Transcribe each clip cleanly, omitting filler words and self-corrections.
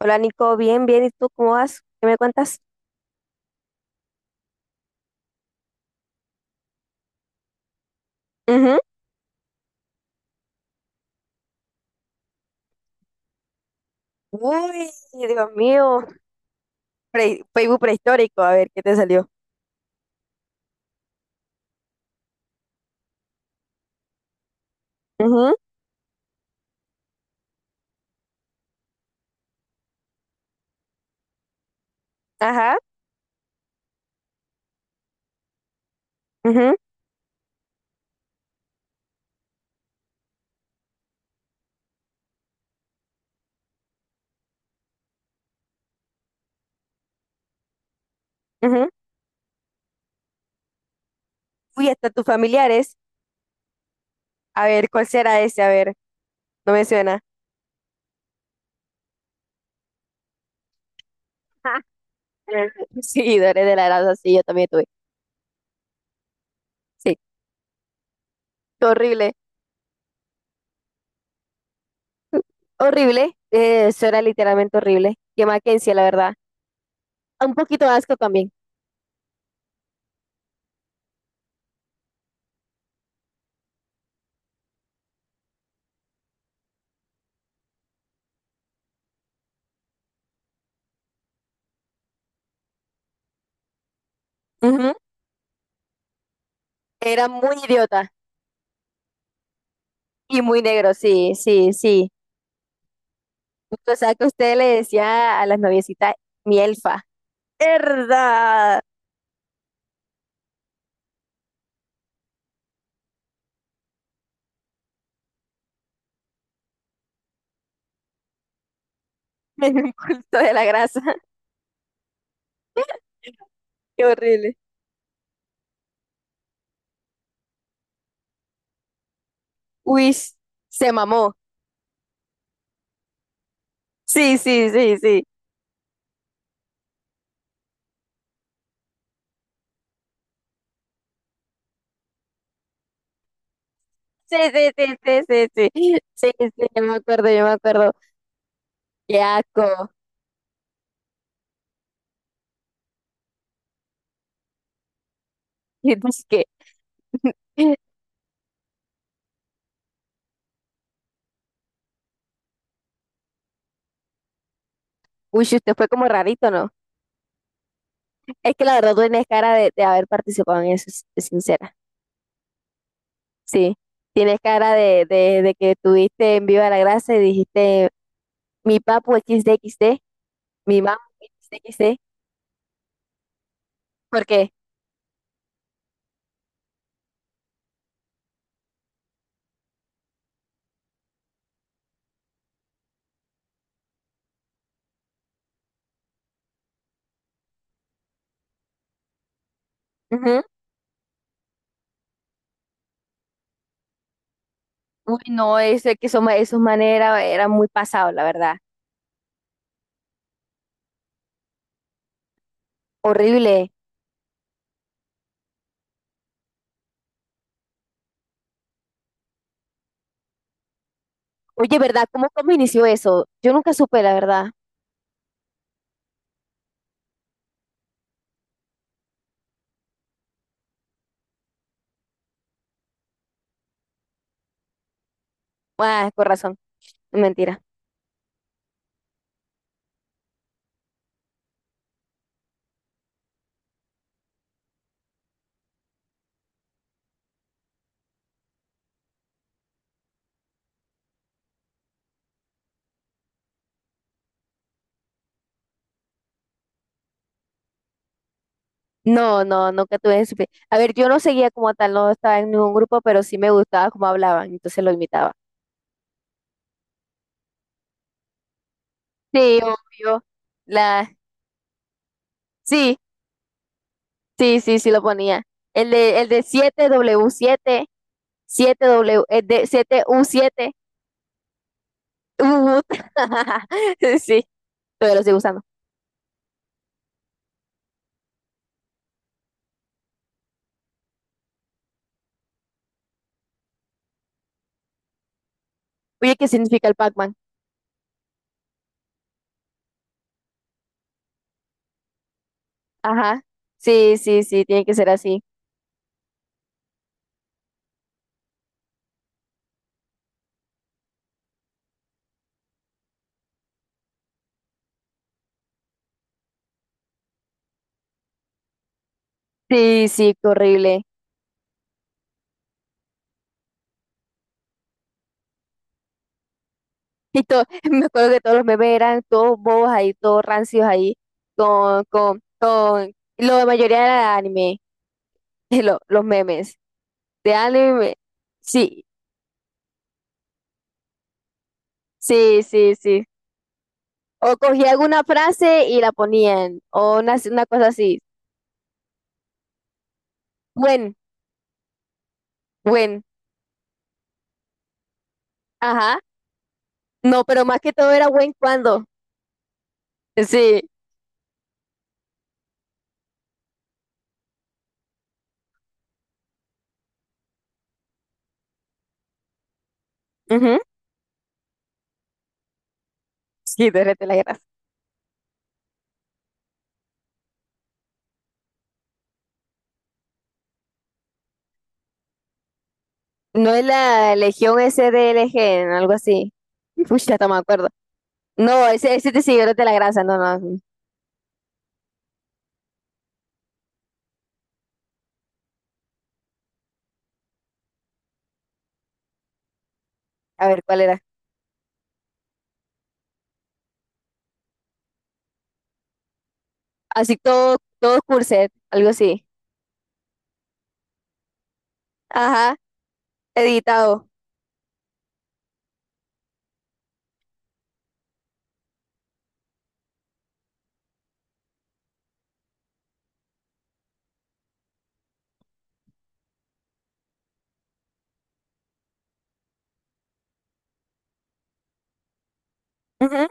Hola Nico, bien, bien. ¿Y tú cómo vas? ¿Qué me cuentas? Ujú. Uy, Dios mío. Facebook prehistórico, a ver qué te salió. Ujú. Ajá. Ujú. Ujú. Uy, hasta tus familiares. A ver, ¿cuál será ese? A ver, no me suena. Seguidores de la grasa, sí, yo también tuve. Sí, horrible. Horrible. Eso era literalmente horrible. Que Mackenzie, la verdad. Un poquito de asco también. Ujú. Era muy idiota y muy negro, sí, sí, sí. O sea, que usted le decía a las noviecitas, mi elfa. ¡Herda! Me dio culto de la grasa. Qué horrible. Uy, se mamó. Sí, sí, sí, sí. Sí, sí, sí, sí, sí, sí. Sí, sí, yo me acuerdo, yo me acuerdo. Qué asco. Y pues que, uy, usted fue como rarito, ¿no? Es que la verdad tú tienes cara de haber participado en eso, sincera. Sí. Tienes cara de que tuviste en Viva la Grasa y dijiste, mi papu equis de equis de. Mi mamá, sí, sí, porque, ujú. Uy, no, eso es que eso, esos manes era, muy pasado, la verdad. Horrible. Oye, ¿verdad? ¿Cómo inició eso? Yo nunca supe, la verdad. Ah, con razón, mentira. No, no, nunca tuve supe. A ver, yo no seguía como tal, no estaba en ningún grupo, pero sí me gustaba cómo hablaban, entonces lo imitaba. Sí, obvio. La, sí, sí, sí, sí lo ponía. El de siete w siete, siete w el de siete u siete. Uh, sí, todavía lo estoy usando. Oye, ¿qué significa el Pac-Man? Ajá. Sí, sí, sí, tiene que ser así. Sí, sí, qué horrible. Y todo, me acuerdo que todos los memes eran todos bobos ahí, todos rancios ahí, con, la mayoría era anime, los memes de anime. Sí, sí, sí, sí. O cogía alguna frase y la ponían, o una cosa así. Buen, buen, ajá. No, pero más que todo era buen cuando. Sí. Ujú. Sí, derrete la grasa. No es la Legión S D L G algo así. Pucha, hasta me acuerdo. No, ese te siguió de la grasa, no, no. A ver, ¿cuál era? Así todo, todo corset, algo así. Ajá, editado. Ujú.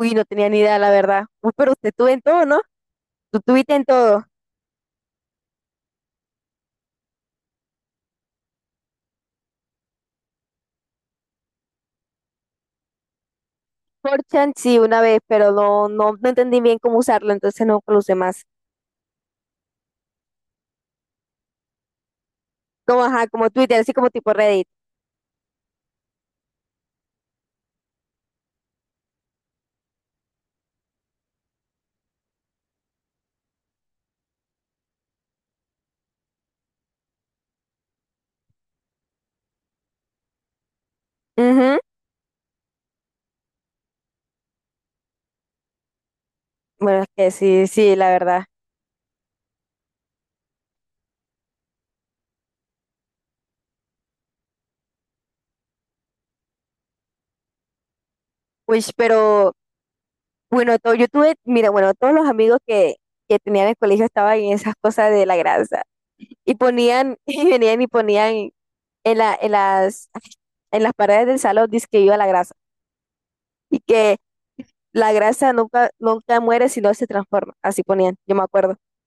Uy, no tenía ni idea, la verdad. Uy, pero usted tuvo en todo, ¿no? Tú tuviste en todo. 4 Sí, una vez, pero no, no, no entendí bien cómo usarlo, entonces no lo usé más. Como, ajá, como Twitter, así como tipo Reddit. Ujú. Bueno, es que sí, sí, la verdad. Uy, pero bueno, todo, yo tuve, mira, bueno, todos los amigos que tenía en el colegio estaban en esas cosas de la grasa. Y ponían, y venían y ponían en la, en las, en las paredes del salón, dice que iba la grasa. Y que la grasa nunca, nunca muere, sino se transforma. Así ponían, yo me acuerdo.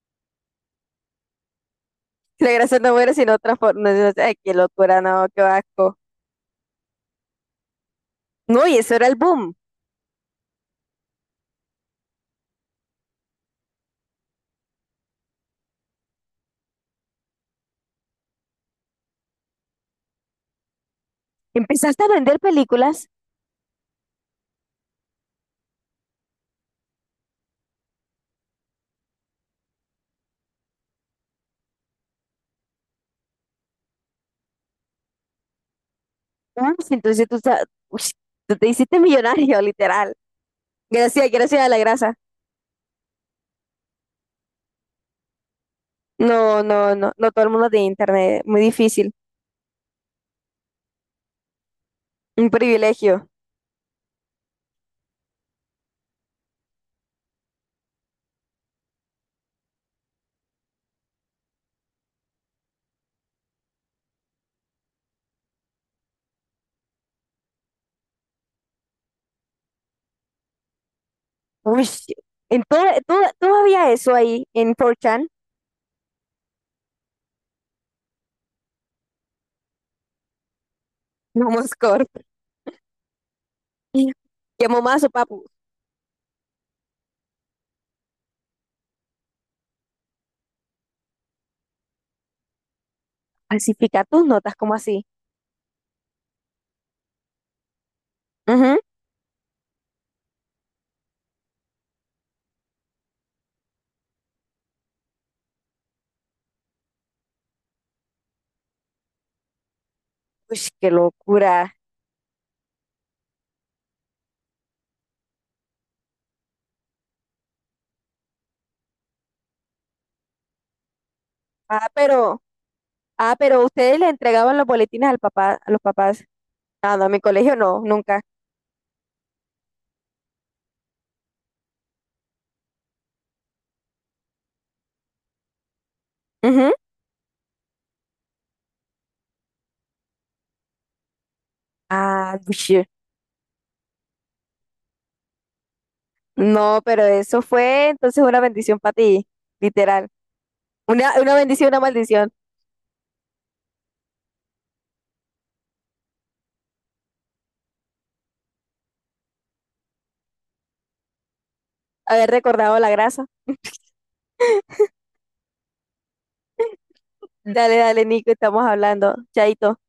La grasa no muere, sino transforma. No, no, ay, qué locura, no, qué asco. No, y eso era el boom. Empezaste a vender películas. Uf, entonces tú, ush, tú te hiciste millonario, literal. Gracias, gracias a la grasa. No, no, no, no todo el mundo tiene internet, muy difícil, un privilegio. Uy, todavía eso ahí en 4chan, no Corp. Llamó más o papu, ¿falsifica tus notas? Como así? Ujú. Uy, qué locura. Ah, pero, ah, pero ustedes le entregaban los boletines al papá, a los papás. Ah, no, en mi colegio no, nunca. Ujú. Ah, uy, no, pero eso fue entonces una bendición para ti, literal. Una bendición, una maldición, haber recordado la grasa. Dale, dale, Nico, estamos hablando. Chaito.